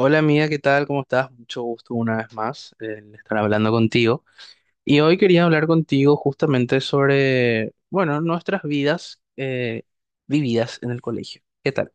Hola amiga, ¿qué tal? ¿Cómo estás? Mucho gusto una vez más en estar hablando contigo. Y hoy quería hablar contigo justamente sobre, bueno, nuestras vidas vividas en el colegio. ¿Qué tal?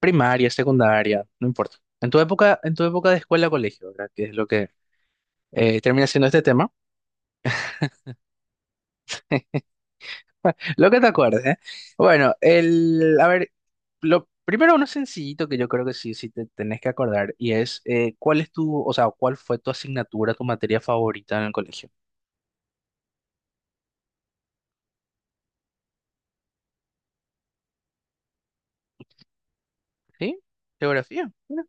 Primaria, secundaria, no importa. En tu época de escuela-colegio, ¿verdad? Que es lo que termina siendo este tema. Lo que te acuerdes, ¿eh? Bueno, el, a ver, lo primero uno sencillito que yo creo que sí, sí te tenés que acordar y es ¿cuál es tu, o sea, cuál fue tu asignatura, tu materia favorita en el colegio? ¿Sí? Geografía, mira.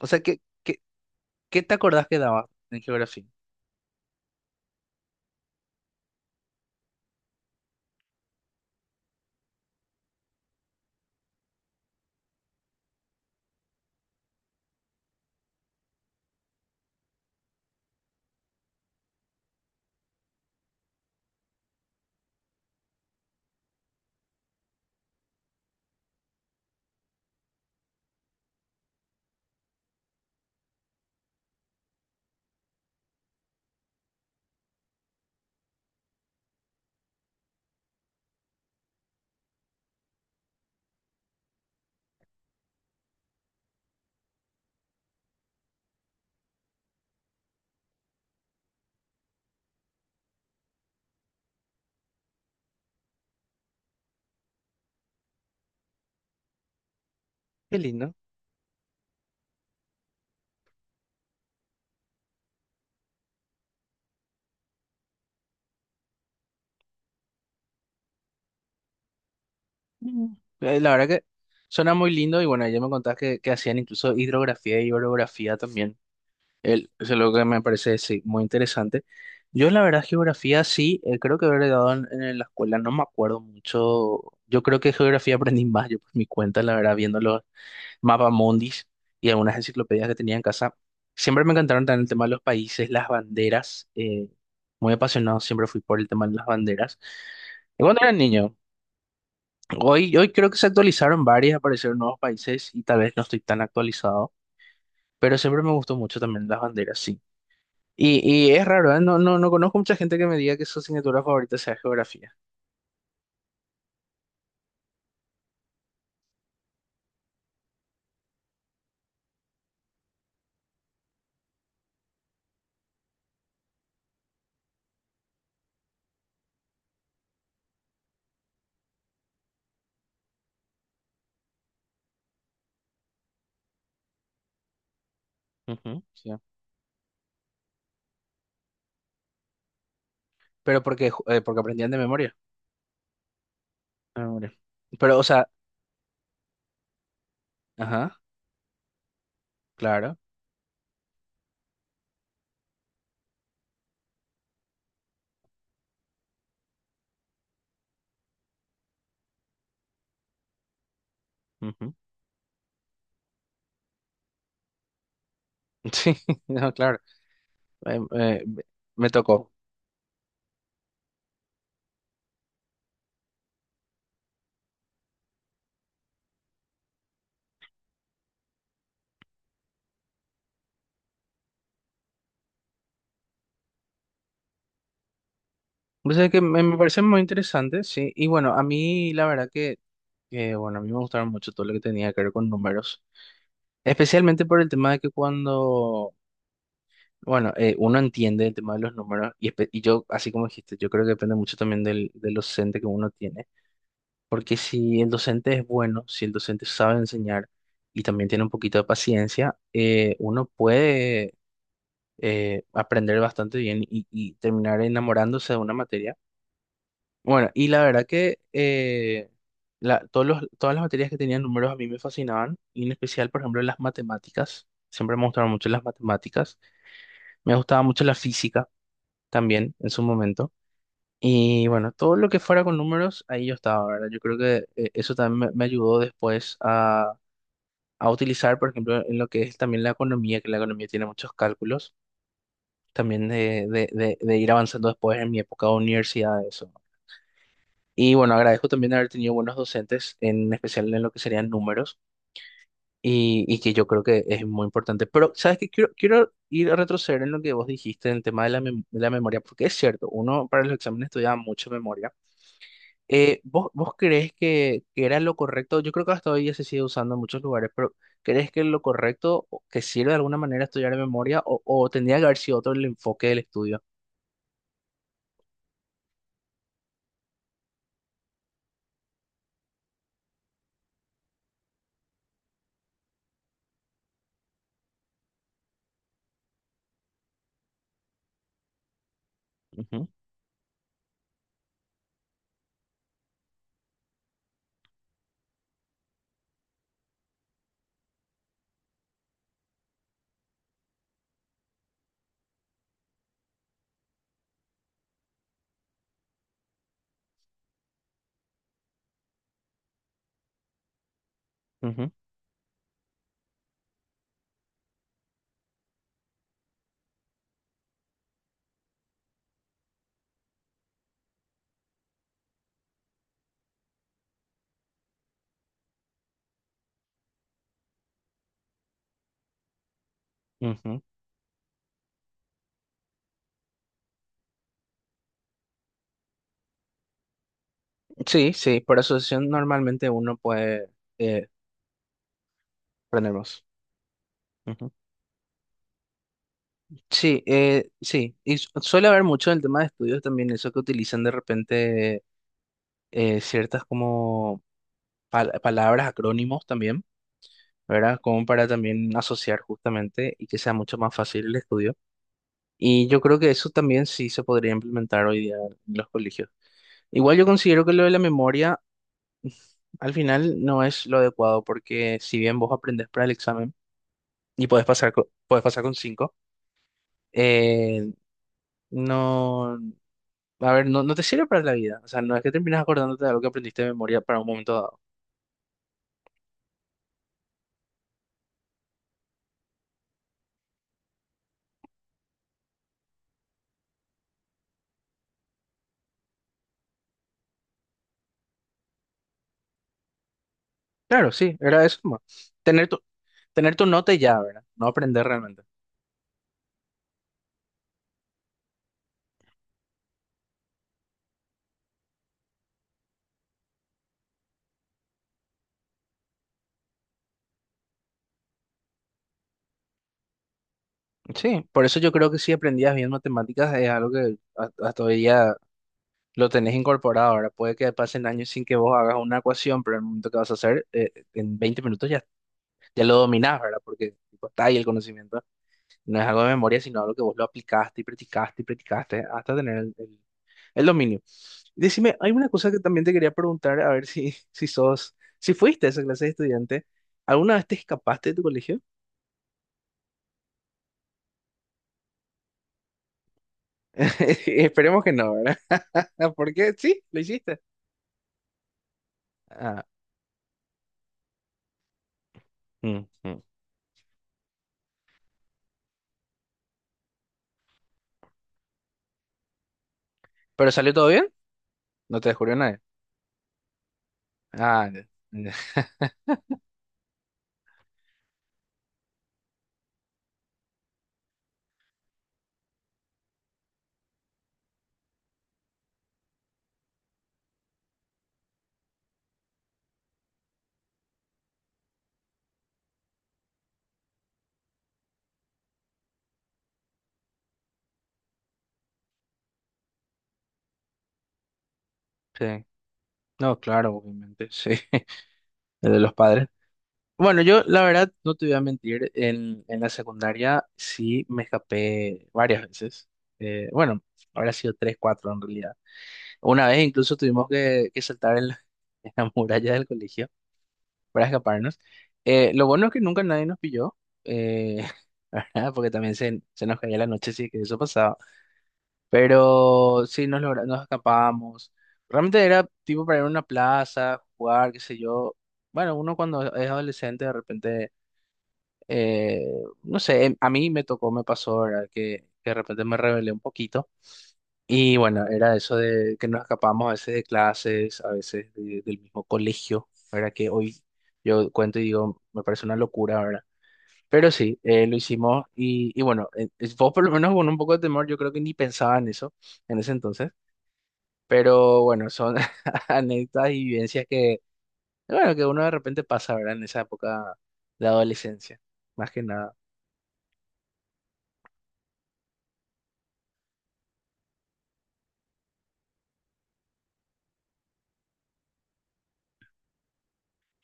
O sea, ¿qué, qué, qué te acordás que daba en geografía? Qué lindo. Mm. La verdad que suena muy lindo y bueno, ya me contás que hacían incluso hidrografía y orografía también. El, eso es lo que me parece sí, muy interesante. Yo la verdad geografía sí, creo que haber dado en la escuela, no me acuerdo mucho. Yo creo que geografía aprendí más yo por mi cuenta, la verdad, viendo mundis y algunas enciclopedias que tenía en casa. Siempre me encantaron también el tema de los países, las banderas. Muy apasionado siempre fui por el tema de las banderas. Y cuando era niño, hoy, hoy creo que se actualizaron varias, aparecieron nuevos países y tal vez no estoy tan actualizado, pero siempre me gustó mucho también las banderas, sí. Y, y es raro, ¿eh? No, no, no conozco mucha gente que me diga que su asignatura favorita sea geografía. Ujú, sí. Pero porque, porque aprendían de memoria, de memoria. Pero, o sea, ajá, claro, ujú. Sí, no, claro. eh, eh, me tocó. O sea que me parece muy interesante, sí. Y bueno, a mí la verdad que, bueno, a mí me gustaron mucho todo lo que tenía que ver con números. Especialmente por el tema de que cuando, bueno, uno entiende el tema de los números y, y yo, así como dijiste, yo creo que depende mucho también del, del docente que uno tiene. Porque si el docente es bueno, si el docente sabe enseñar y también tiene un poquito de paciencia, uno puede aprender bastante bien y terminar enamorándose de una materia. Bueno, y la verdad que todos los, todas las materias que tenían números a mí me fascinaban, y en especial, por ejemplo, las matemáticas. Siempre me gustaron mucho las matemáticas. Me gustaba mucho la física también en su momento. Y bueno, todo lo que fuera con números, ahí yo estaba, ¿verdad? Yo creo que eso también me ayudó después a utilizar, por ejemplo, en lo que es también la economía, que la economía tiene muchos cálculos, también de ir avanzando después en mi época de universidad, eso. Y bueno, agradezco también haber tenido buenos docentes, en especial en lo que serían números, y que yo creo que es muy importante. Pero, ¿sabes qué? Quiero, quiero ir a retroceder en lo que vos dijiste en el tema de la, de la memoria, porque es cierto, uno para los exámenes estudia mucha memoria. ¿Vos, vos crees que era lo correcto? Yo creo que hasta hoy ya se sigue usando en muchos lugares, pero ¿crees que lo correcto, o que sirve de alguna manera estudiar de memoria, o tendría que haber sido otro el enfoque del estudio? Ujú, ujú, ujú. Sí, sí, por asociación normalmente uno puede eh, aprender más. Sí, sí, y suele haber mucho en el tema de estudios también eso que utilizan de repente ciertas como palabras, acrónimos también, ¿verdad? Como para también asociar justamente y que sea mucho más fácil el estudio. Y yo creo que eso también sí se podría implementar hoy día en los colegios. Igual yo considero que lo de la memoria al final no es lo adecuado porque si bien vos aprendés para el examen y podés pasar, podés pasar con cinco, eh, no. A ver, no, no te sirve para la vida. O sea, no es que terminas acordándote de algo que aprendiste de memoria para un momento dado. Claro, sí, era eso más. Tener tu, tener tu nota y ya, ¿verdad? No aprender realmente. Sí, por eso yo creo que si aprendías bien matemáticas es algo que hasta hoy día lo tenés incorporado. Ahora puede que pasen años sin que vos hagas una ecuación, pero en el momento que vas a hacer, en 20 minutos ya, ya lo dominás, ¿verdad? Porque tipo, está ahí el conocimiento. No es algo de memoria, sino algo que vos lo aplicaste y practicaste hasta tener el dominio. Decime, hay una cosa que también te quería preguntar, a ver si, si sos, si fuiste a esa clase de estudiante, ¿alguna vez te escapaste de tu colegio? Esperemos que no, ¿verdad? Porque sí, lo hiciste. Ah, mm, mm. ¿Pero salió todo bien? ¿No te descubrió nadie? Ah, ya, ya. Sí. No, claro, obviamente, sí. El de los padres. Bueno, yo la verdad no te voy a mentir, en la secundaria sí me escapé varias veces. Bueno, habrá sido tres, cuatro en realidad. Una vez incluso tuvimos que saltar en la, en la muralla del colegio para escaparnos. Lo bueno es que nunca nadie nos pilló, eh, ¿verdad? Porque también se nos caía la noche, sí que eso pasaba. Pero sí nos, nos escapábamos. Realmente era tipo para ir a una plaza, jugar, qué sé yo. Bueno, uno cuando es adolescente de repente eh, no sé, a mí me tocó, me pasó, ¿verdad? Que de repente me rebelé un poquito. Y bueno, era eso de que nos escapamos a veces de clases, a veces del mismo colegio, ¿verdad? Que hoy yo cuento y digo, me parece una locura, ¿verdad? Pero sí, lo hicimos y bueno, vos por lo menos con un poco de temor, yo creo que ni pensaba en eso en ese entonces. Pero bueno, son anécdotas y vivencias que, bueno, que uno de repente pasa, ¿verdad? En esa época de adolescencia, más que nada.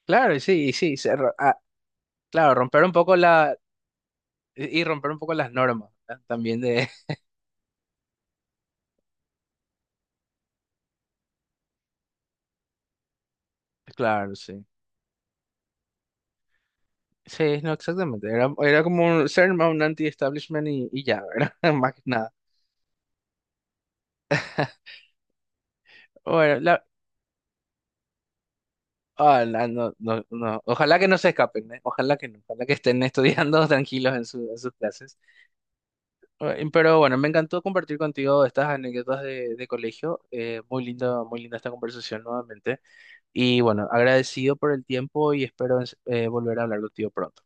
Claro, y sí, claro, romper un poco la y romper un poco las normas, ¿verdad? También de claro, sí. Sí, no, exactamente. Era, era como un, ser más un anti-establishment y ya, ¿verdad? Más que nada. Bueno, la, no, no, no. Ojalá que no se escapen, ¿eh? Ojalá que no. Ojalá que estén estudiando tranquilos en, en sus clases. Pero bueno, me encantó compartir contigo estas anécdotas de colegio. Muy lindo, muy linda esta conversación nuevamente. Y bueno, agradecido por el tiempo y espero volver a hablar contigo pronto.